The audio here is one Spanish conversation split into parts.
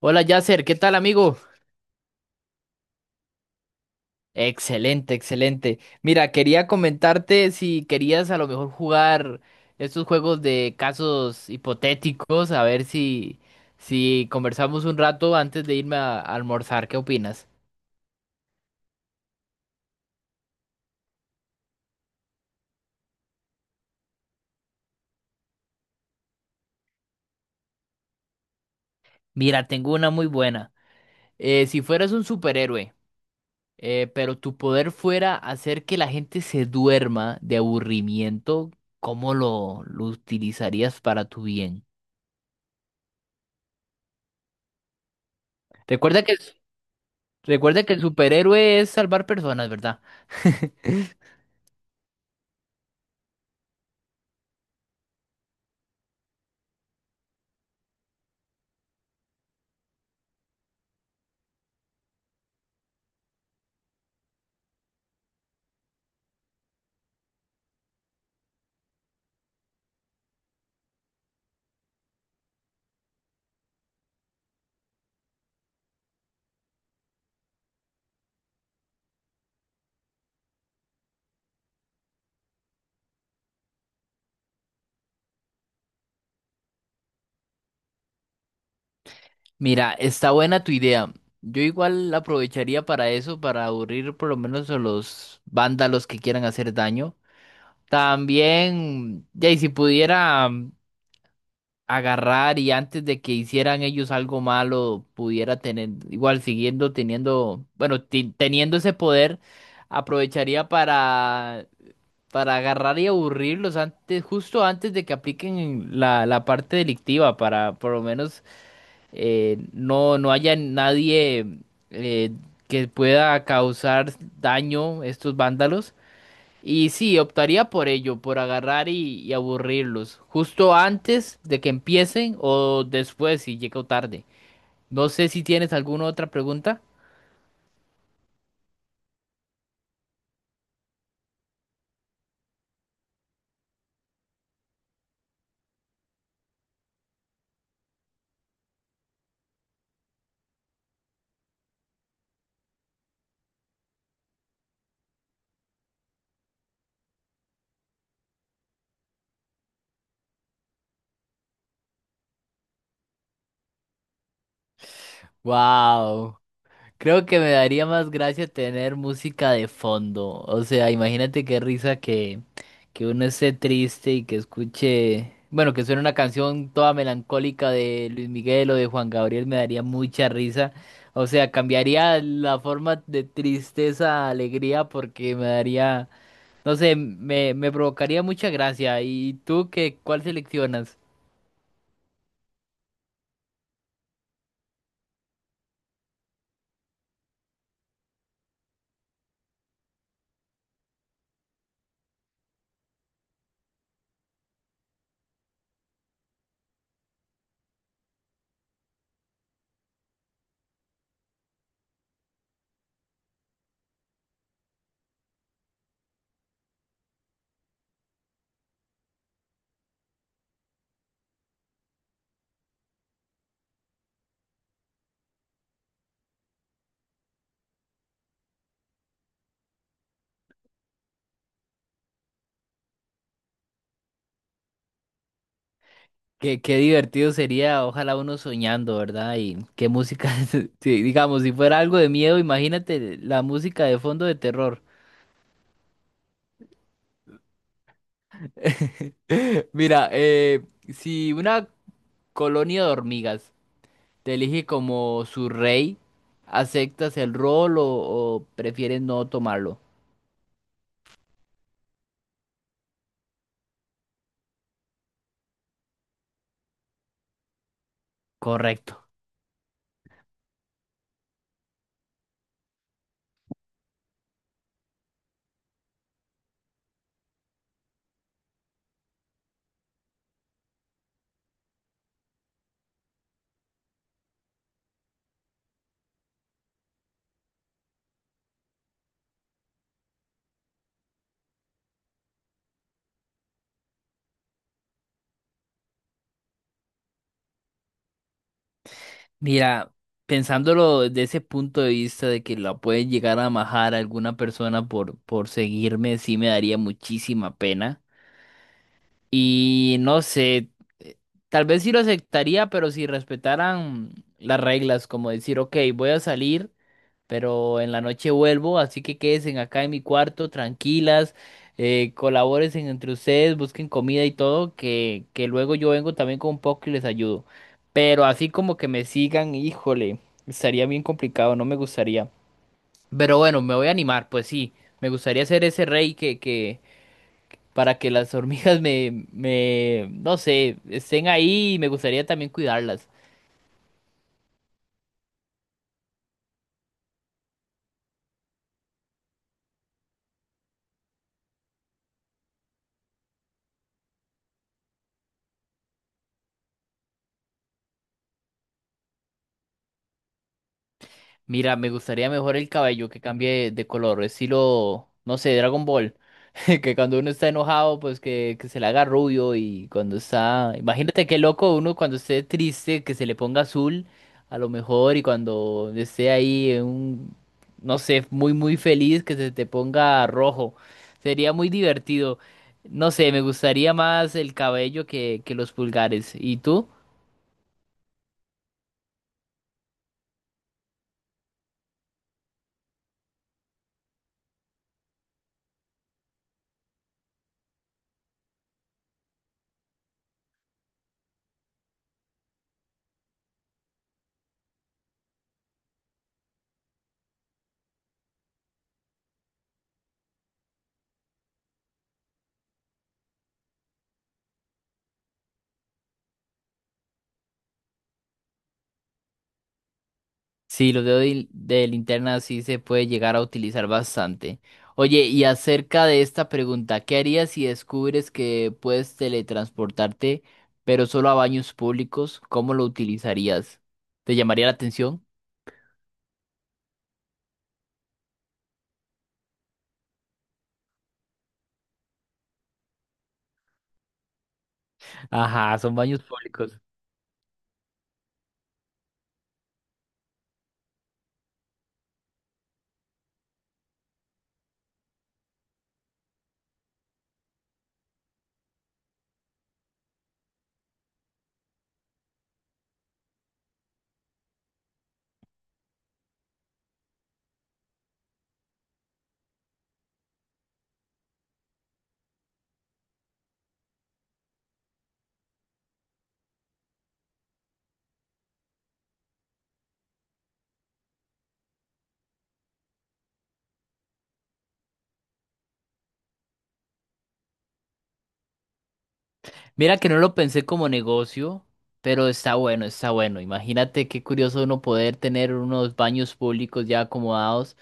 Hola Yasser, ¿qué tal amigo? Excelente, excelente. Mira, quería comentarte si querías a lo mejor jugar estos juegos de casos hipotéticos, a ver si conversamos un rato antes de irme a almorzar, ¿qué opinas? Mira, tengo una muy buena. Si fueras un superhéroe, pero tu poder fuera hacer que la gente se duerma de aburrimiento, ¿cómo lo utilizarías para tu bien? Recuerda que... Recuerda que el superhéroe es salvar personas, ¿verdad? Mira, está buena tu idea. Yo igual la aprovecharía para eso, para aburrir por lo menos a los vándalos que quieran hacer daño. También, ya, y si pudiera agarrar y antes de que hicieran ellos algo malo, pudiera tener, igual siguiendo teniendo, bueno, teniendo ese poder, aprovecharía para agarrar y aburrirlos antes, justo antes de que apliquen la parte delictiva, para por lo menos no haya nadie eh, que pueda causar daño a estos vándalos. Y sí, optaría por ello, por agarrar y aburrirlos, justo antes de que empiecen o después si llego tarde. No sé si tienes alguna otra pregunta. Wow. Creo que me daría más gracia tener música de fondo. O sea, imagínate qué risa que uno esté triste y que escuche, bueno, que suene una canción toda melancólica de Luis Miguel o de Juan Gabriel, me daría mucha risa. O sea, cambiaría la forma de tristeza a alegría porque me daría, no sé, me provocaría mucha gracia. ¿Y tú qué, cuál seleccionas? Qué, qué divertido sería, ojalá uno soñando, ¿verdad? Y qué música, sí, digamos, si fuera algo de miedo, imagínate la música de fondo de terror. Mira, si una colonia de hormigas te elige como su rey, ¿aceptas el rol o prefieres no tomarlo? Correcto. Mira, pensándolo desde ese punto de vista de que la puede llegar a majar a alguna persona por seguirme, sí me daría muchísima pena. Y no sé, eh, tal vez sí lo aceptaría, pero si respetaran las reglas, como decir, ok, voy a salir, pero en la noche vuelvo, así que quédense acá en mi cuarto, tranquilas, colaboren entre ustedes, busquen comida y todo, que luego yo vengo también con un poco y les ayudo. Pero así como que me sigan, híjole, estaría bien complicado, no me gustaría. Pero bueno, me voy a animar, pues sí, me gustaría ser ese rey que para que las hormigas me, no sé, estén ahí y me gustaría también cuidarlas. Mira, me gustaría mejor el cabello que cambie de color, estilo, no sé, Dragon Ball. Que cuando uno está enojado, pues que se le haga rubio y cuando está... Imagínate qué loco uno cuando esté triste, que se le ponga azul, a lo mejor, y cuando esté ahí en un, no sé, muy, muy feliz, que se te ponga rojo. Sería muy divertido. No sé, me gustaría más el cabello que los pulgares. ¿Y tú? Sí, los dedos de linterna sí se puede llegar a utilizar bastante. Oye, y acerca de esta pregunta, ¿qué harías si descubres que puedes teletransportarte, pero solo a baños públicos? ¿Cómo lo utilizarías? ¿Te llamaría la atención? Ajá, son baños públicos. Mira que no lo pensé como negocio, pero está bueno, está bueno. Imagínate qué curioso uno poder tener unos baños públicos ya acomodados.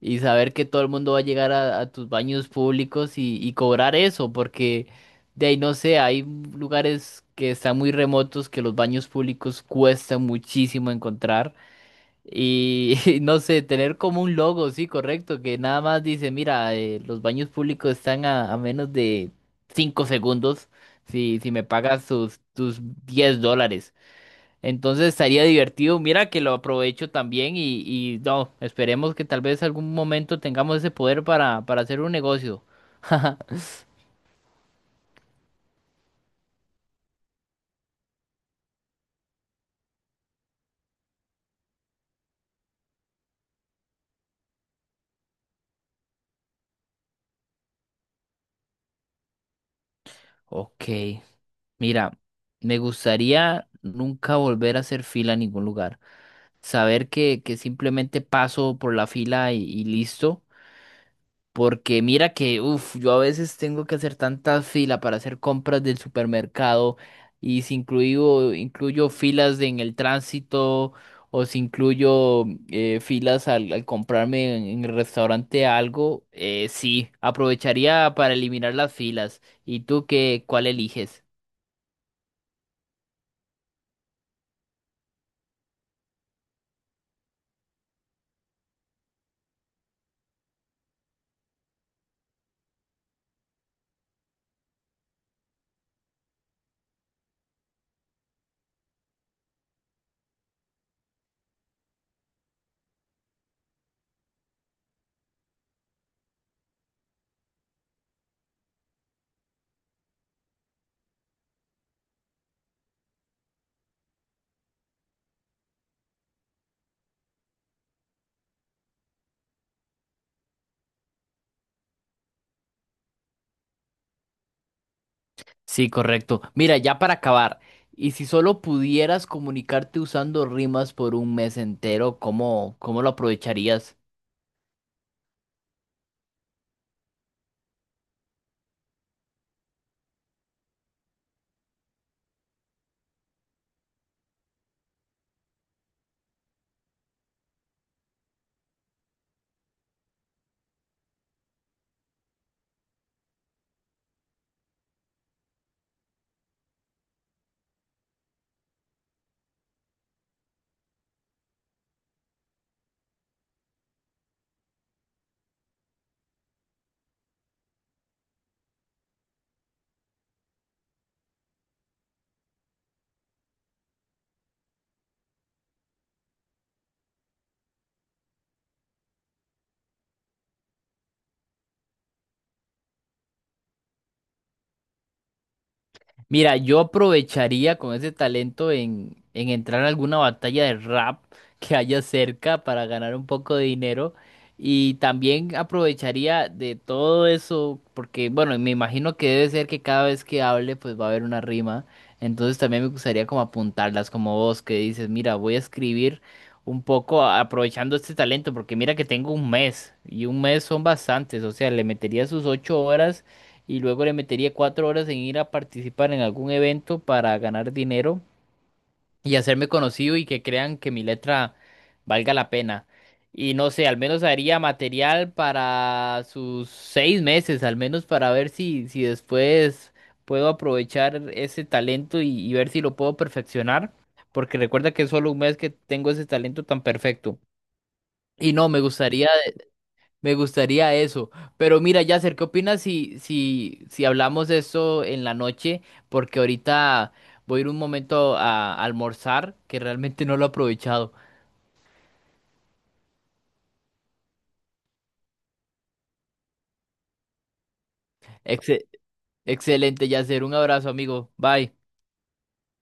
Y saber que todo el mundo va a llegar a tus baños públicos y cobrar eso, porque de ahí no sé, hay lugares que están muy remotos que los baños públicos cuesta muchísimo encontrar. Y, no sé, tener como un logo, sí, correcto, que nada más dice, mira, los baños públicos están a menos de 5 segundos si me pagas tus $10. Entonces estaría divertido. Mira que lo aprovecho también y no, esperemos que tal vez algún momento tengamos ese poder para hacer un negocio. Ok, mira, me gustaría nunca volver a hacer fila en ningún lugar. Saber que simplemente paso por la fila y listo. Porque mira que, uff, yo a veces tengo que hacer tantas filas para hacer compras del supermercado y si incluyo filas en el tránsito o si incluyo filas al comprarme en el restaurante algo, sí, aprovecharía para eliminar las filas. ¿Y tú qué, cuál eliges? Sí, correcto. Mira, ya para acabar, y si solo pudieras comunicarte usando rimas por un mes entero, ¿cómo lo aprovecharías? Mira, yo aprovecharía con ese talento en entrar a alguna batalla de rap que haya cerca para ganar un poco de dinero. Y también aprovecharía de todo eso, porque bueno, me imagino que debe ser que cada vez que hable pues va a haber una rima. Entonces también me gustaría como apuntarlas, como vos que dices, mira, voy a escribir un poco aprovechando este talento, porque mira que tengo un mes y un mes son bastantes, o sea, le metería sus 8 horas y luego le metería 4 horas en ir a participar en algún evento para ganar dinero y hacerme conocido y que crean que mi letra valga la pena. Y no sé, al menos haría material para sus 6 meses, al menos para ver si después puedo aprovechar ese talento y ver si lo puedo perfeccionar, porque recuerda que es solo un mes que tengo ese talento tan perfecto. Y no, me gustaría eso. Pero mira, Yasser, ¿qué opinas si, si hablamos de eso en la noche? Porque ahorita voy a ir un momento a almorzar, que realmente no lo he aprovechado. Exe- Excelente, Yasser. Un abrazo, amigo. Bye.